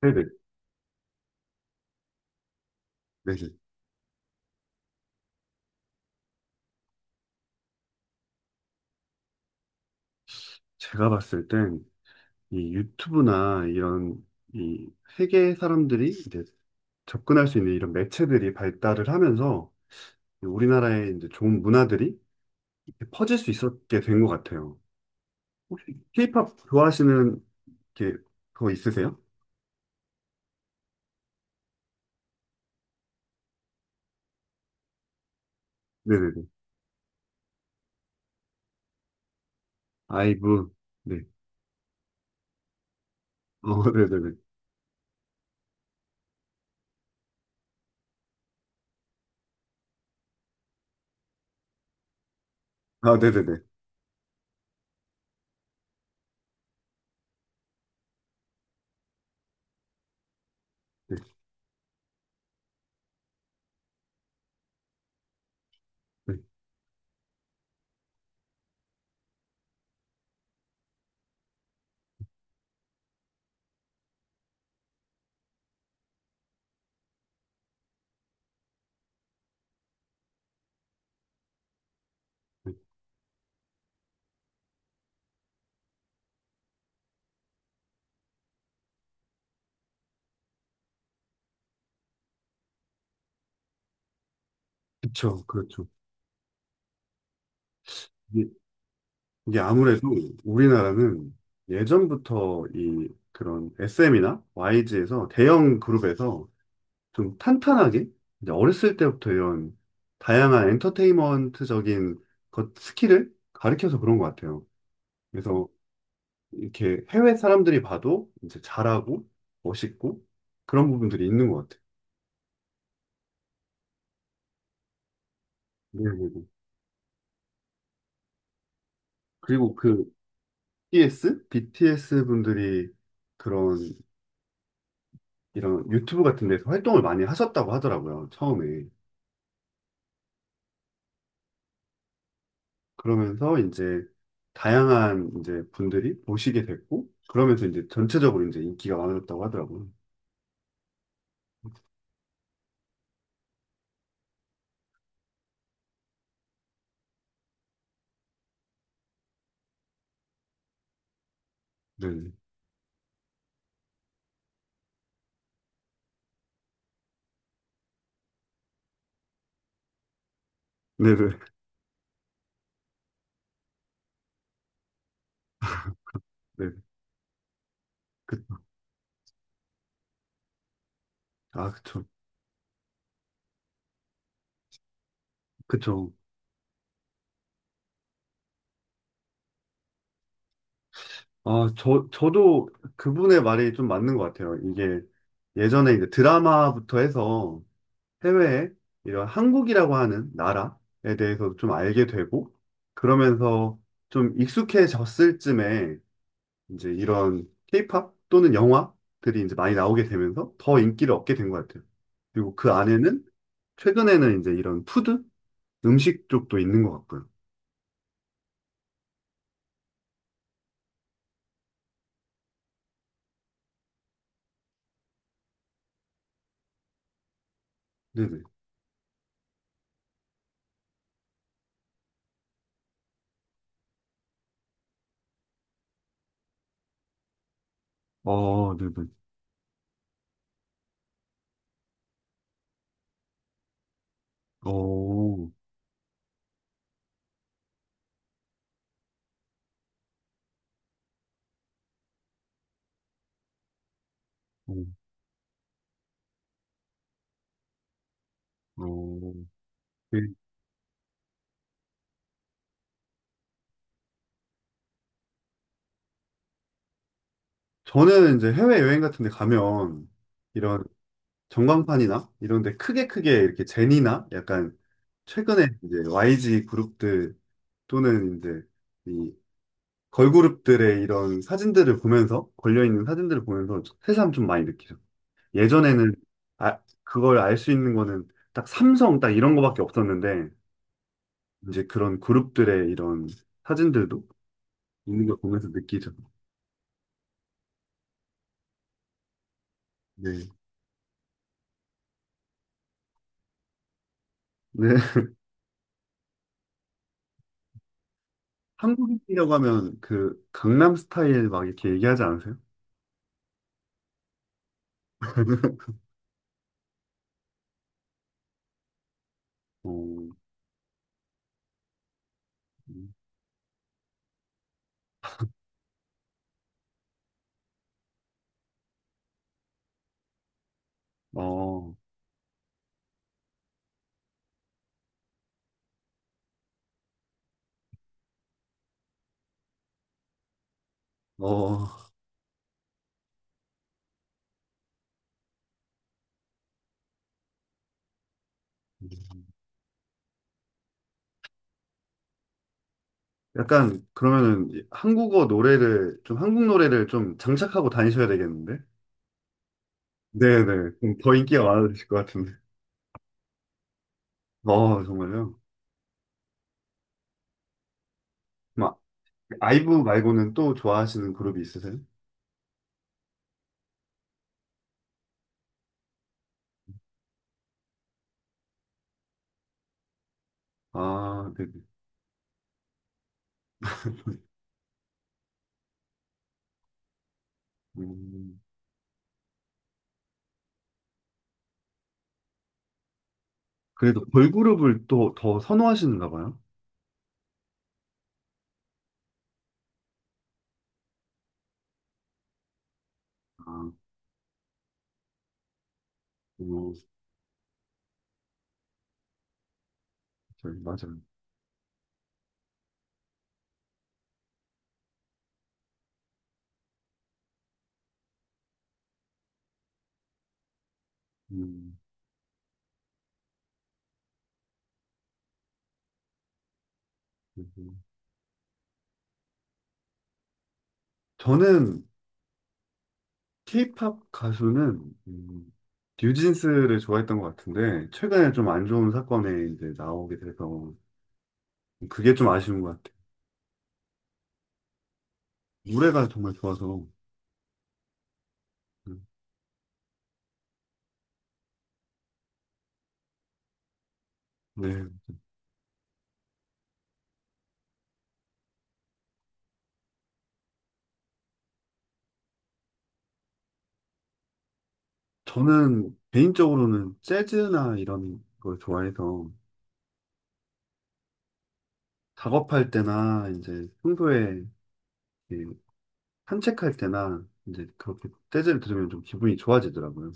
네네. 네네. 제가 봤을 땐 이 유튜브나 이런 이 세계 사람들이 이제 접근할 수 있는 이런 매체들이 발달을 하면서 이 우리나라의 이제 좋은 문화들이 이렇게 퍼질 수 있었게 된 것 같아요. 혹시 케이팝 좋아하시는 게 그거 있으세요? 네네네. 아이브. 네. 어, 네네네. 아, 네네네. 네. 네. 네. 그쵸. 그렇죠. 이게 아무래도 우리나라는 예전부터 이 그런 SM이나 YG에서 대형 그룹에서 좀 탄탄하게 이제 어렸을 때부터 이런 다양한 엔터테인먼트적인 것 스킬을 가르쳐서 그런 것 같아요. 그래서 이렇게 해외 사람들이 봐도 이제 잘하고 멋있고 그런 부분들이 있는 것 같아요. 네, 그리고 그 BTS 분들이 그런 이런 유튜브 같은 데서 활동을 많이 하셨다고 하더라고요, 처음에. 그러면서 이제 다양한 이제 분들이 보시게 됐고, 그러면서 이제 전체적으로 이제 인기가 많아졌다고 하더라고요. 네. 네네. 네. 그, 아, 그쵸. 그쵸. 아, 저도 그분의 말이 좀 맞는 것 같아요. 이게 예전에 이제 드라마부터 해서 해외에 이런 한국이라고 하는 나라에 대해서 좀 알게 되고, 그러면서 좀 익숙해졌을 쯤에 이제 이런 케이팝 또는 영화들이 이제 많이 나오게 되면서 더 인기를 얻게 된 것 같아요. 그리고 그 안에는 최근에는 이제 이런 푸드? 음식 쪽도 있는 것 같고요. 네네. 어, 네네. 어, 어, 어. 네. 저는 이제 해외여행 같은 데 가면 이런 전광판이나 이런 데 크게 크게 이렇게 제니나 약간 최근에 이제 YG 그룹들 또는 이제 이 걸그룹들의 이런 사진들을 보면서, 걸려있는 사진들을 보면서 새삼 좀 많이 느끼죠. 예전에는 아, 그걸 알 수 있는 거는 딱 삼성 딱 이런 거밖에 없었는데, 이제 그런 그룹들의 이런 사진들도 있는 걸 보면서 느끼죠. 네. 네. 한국인이라고 하면 그 강남 스타일 막 이렇게 얘기하지 않으세요? 어, 어, 어, 약간 그러면은 한국어 노래를 좀 한국 노래를 좀 장착하고 다니셔야 되겠는데? 네네. 그럼 더 인기가 많아지실 것 같은데. 어, 정말요? 막, 아이브 말고는 또 좋아하시는 그룹이 있으세요? 아, 네네. 음, 그래도 걸그룹을 또 더 선호하시는가 봐요? 아, 어, 맞아요. 음, 그리고 저는 케이팝 가수는, 뉴진스를 좋아했던 것 같은데, 최근에 좀 안 좋은 사건에 이제 나오게 돼서, 그게 좀 아쉬운 것 같아요. 노래가 정말 좋아서. 음, 네. 저는 개인적으로는 재즈나 이런 걸 좋아해서 작업할 때나 이제 평소에 이렇게 산책할 때나 이제 그렇게 재즈를 들으면 좀 기분이 좋아지더라고요.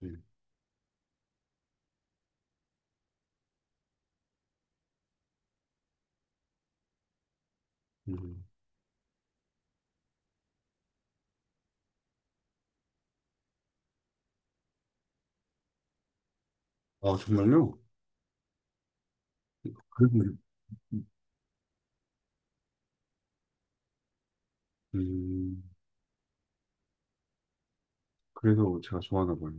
네. 음. 아, 정말요? 그래서, 음, 그래서 제가 좋아하나 봐요.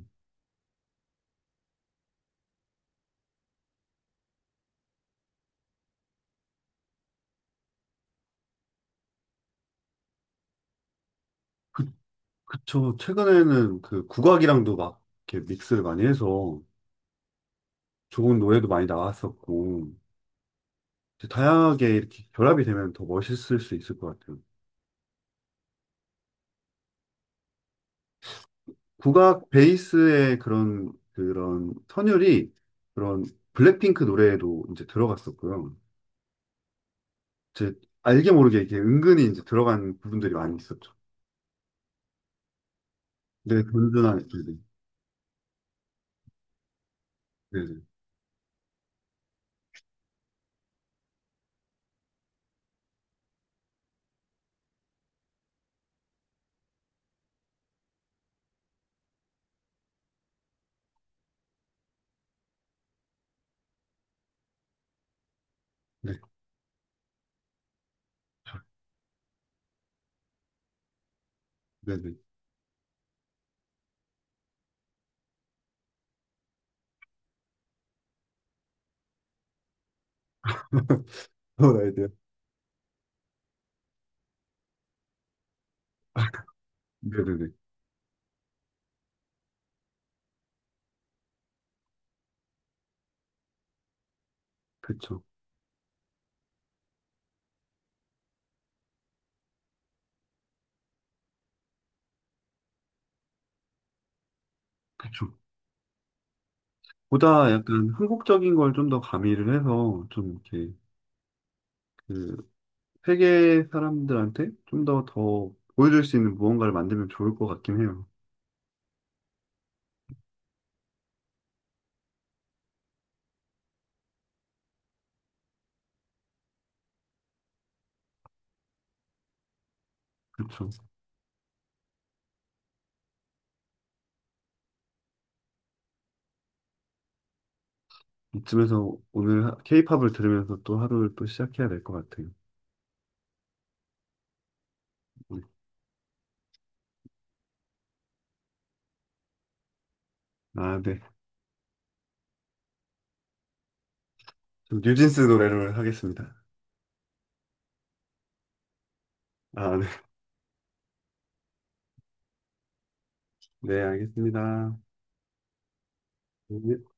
그쵸. 최근에는 그 국악이랑도 막 이렇게 믹스를 많이 해서 좋은 노래도 많이 나왔었고, 이제 다양하게 이렇게 결합이 되면 더 멋있을 수 있을 것 같아요. 국악 베이스의 그런 선율이 그런 블랙핑크 노래에도 이제 들어갔었고요. 제 알게 모르게 이렇게 은근히 이제 들어간 부분들이 많이 있었죠. 네, 든든한. 네네. 네네. 네, 네네. 그런 아이디어. 네네네. 그쵸. 그쵸. 보다 약간 한국적인 걸 좀 더 가미를 해서 좀 이렇게 그 세계 사람들한테 좀 더 보여줄 수 있는 무언가를 만들면 좋을 것 같긴 해요. 그쵸. 이쯤에서 오늘 케이팝을 들으면서 또 하루를 또 시작해야 될 것 같아요. 네. 아, 네. 좀 뉴진스 노래를 하겠습니다. 아, 네. 네, 알겠습니다. 네.